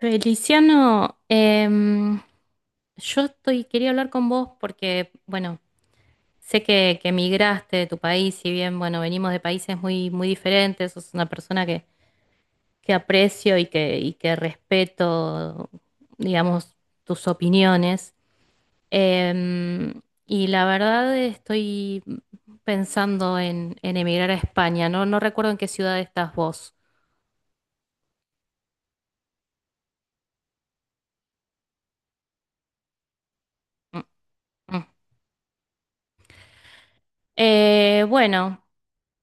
Feliciano, yo estoy, quería hablar con vos porque, bueno, sé que emigraste de tu país, si bien, bueno, venimos de países muy, muy diferentes, sos una persona que aprecio y que respeto, digamos, tus opiniones. Y la verdad estoy pensando en emigrar a España, ¿no? No recuerdo en qué ciudad estás vos. Mm, mm. Bueno.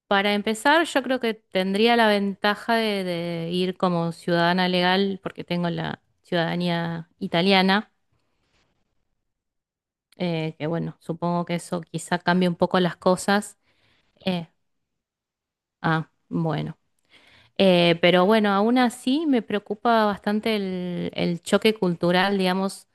Para empezar, yo creo que tendría la ventaja de ir como ciudadana legal, porque tengo la ciudadanía italiana, que bueno, supongo que eso quizá cambie un poco las cosas. Eh, bueno. Pero bueno, aún así me preocupa bastante el choque cultural, digamos,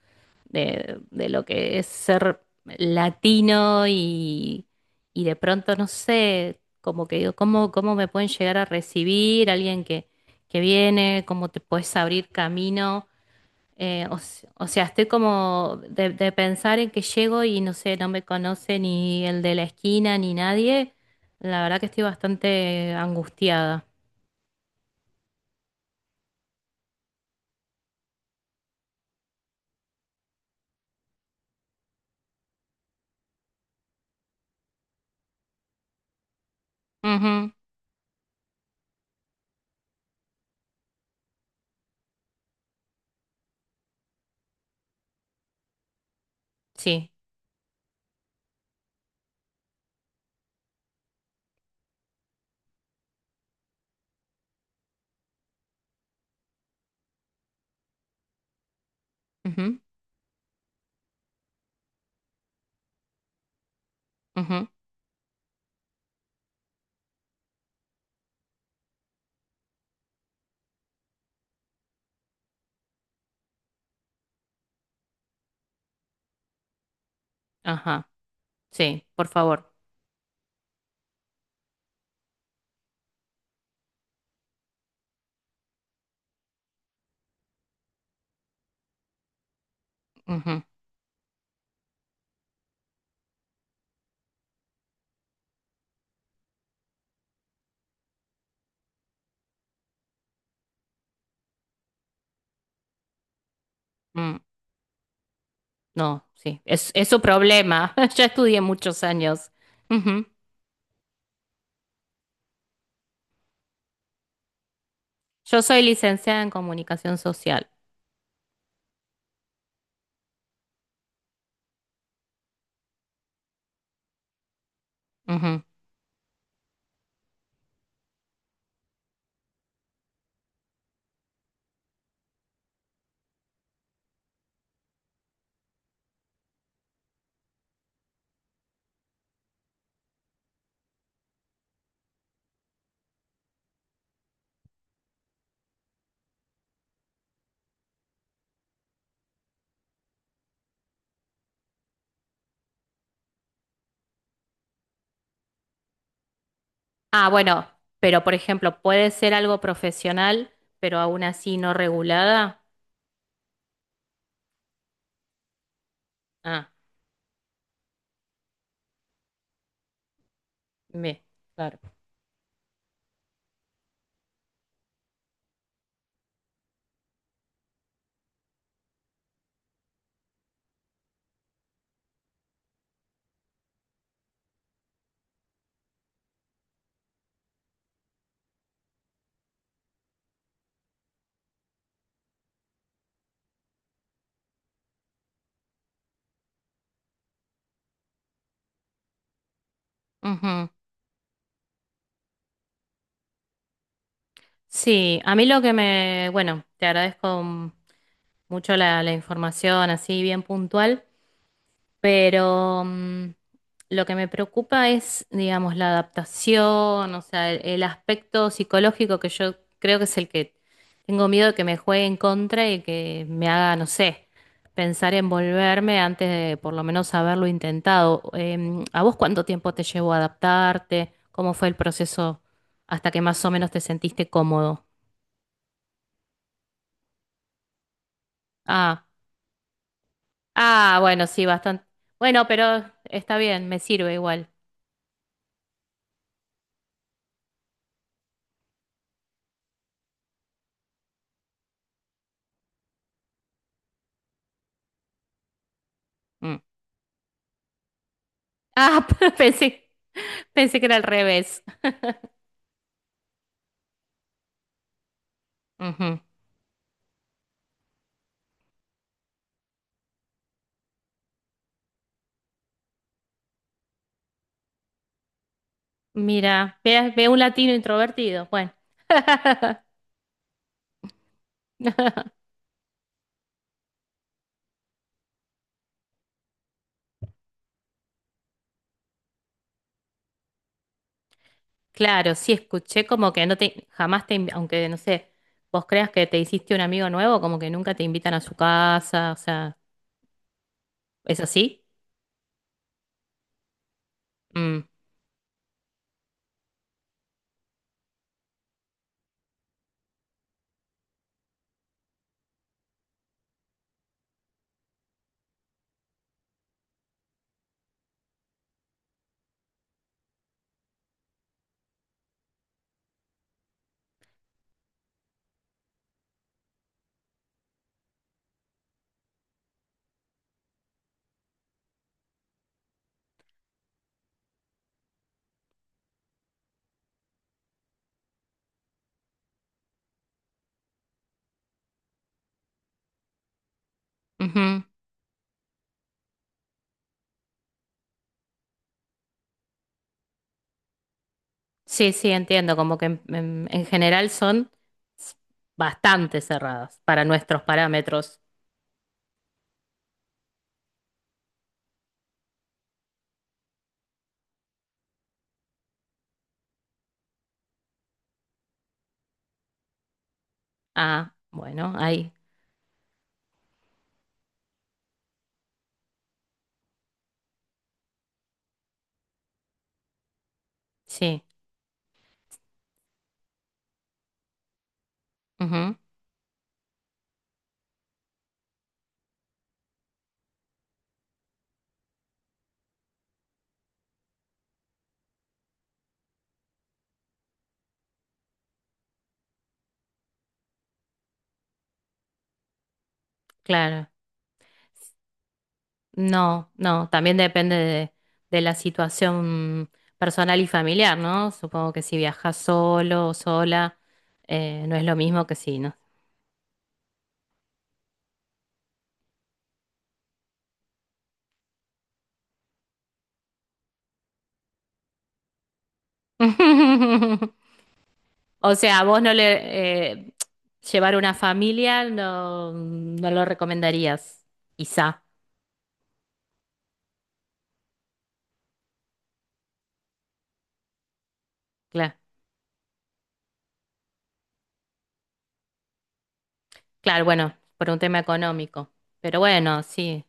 de lo que es ser latino y de pronto, no sé, como que digo, ¿cómo, cómo me pueden llegar a recibir alguien que viene? ¿Cómo te puedes abrir camino? O sea, estoy como de pensar en que llego y no sé, no me conoce ni el de la esquina ni nadie. La verdad que estoy bastante angustiada. Ujú. Sí. Ujú, ujú. Ajá. Sí, por favor. Ujú. mm. No, sí, es su problema. Yo estudié muchos años. Ujú. Yo soy licenciada en comunicación social. Ujú. Ah, bueno, pero por ejemplo, puede ser algo profesional, pero aún así no regulada. Ah, ve, claro. Ujú. Sí, a mí lo que me, bueno, te agradezco mucho la, la información así bien puntual. Pero lo que me preocupa es, digamos, la adaptación, o sea, el aspecto psicológico que yo creo que es el que tengo miedo de que me juegue en contra y que me haga, no sé, pensar en volverme antes de por lo menos haberlo intentado. ¿A vos cuánto tiempo te llevó a adaptarte? ¿Cómo fue el proceso hasta que más o menos te sentiste cómodo? Ah, bueno, sí, bastante. Bueno, pero está bien, me sirve igual. Mm. Ah, pensé. Pensé que era al revés. Ujú. Mira, ve, ve un latino introvertido. Bueno. Claro, sí escuché como que no te, jamás te, invi- aunque no sé, vos creas que te hiciste un amigo nuevo, como que nunca te invitan a su casa, o sea, ¿es así? Mm, ujú. Sí, sí, entiendo, como que en general son s- bastante cerradas para nuestros parámetros. Ah, bueno, ahí, sí, ujú, claro. No, no, también depende de la situación personal y familiar, ¿no? Supongo que si viajas solo o sola, no es lo mismo que si, ¿no? O sea, a vos no le... llevar una familia no, no lo recomendarías, quizá. Claro, claro, bueno, por un tema económico. Pero bueno, sí,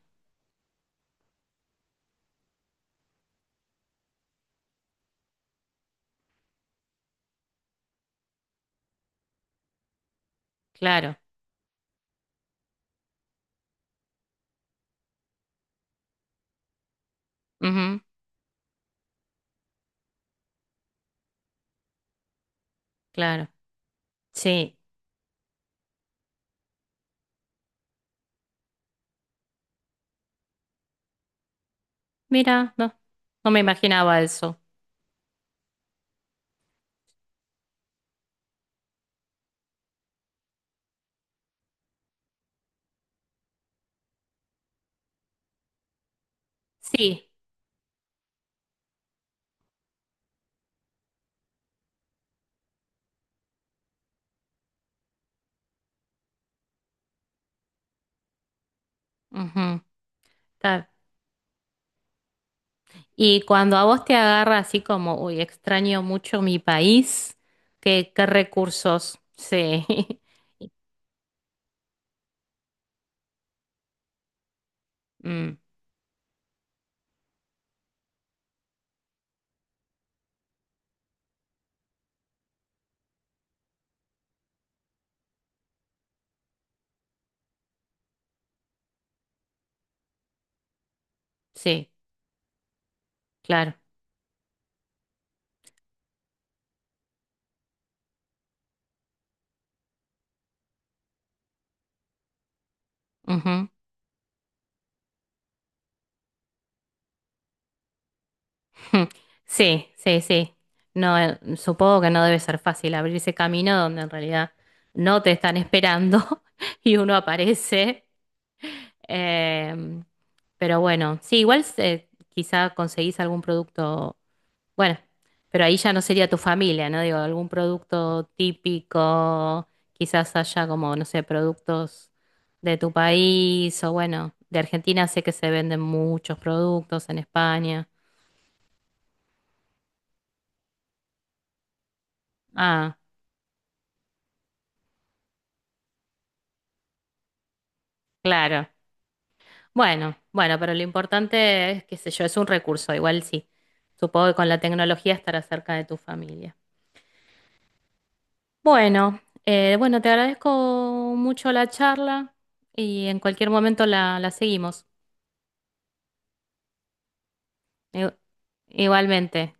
claro. Ujú, claro, sí. Mira, no, no me imaginaba eso. Sí, ujú, está. Y cuando a vos te agarra así como, uy, extraño mucho mi país, ¿qué, qué recursos? Sí, Mm, sí, claro. Sí, sí, sí. No, supongo que no debe ser fácil abrirse camino donde en realidad no te están esperando y uno aparece. Em, pero bueno, sí, igual quizá conseguís algún producto, bueno, pero ahí ya no sería tu familia, ¿no? Digo, algún producto típico, quizás haya como, no sé, productos de tu país o bueno, de Argentina sé que se venden muchos productos en España. Ah. Claro. Bueno, bueno, pero lo importante es, qué sé yo, es un recurso, igual sí. Supongo que con la tecnología estará cerca de tu familia. Bueno, bueno, te agradezco mucho la charla y en cualquier momento la, la seguimos. I- Igualmente.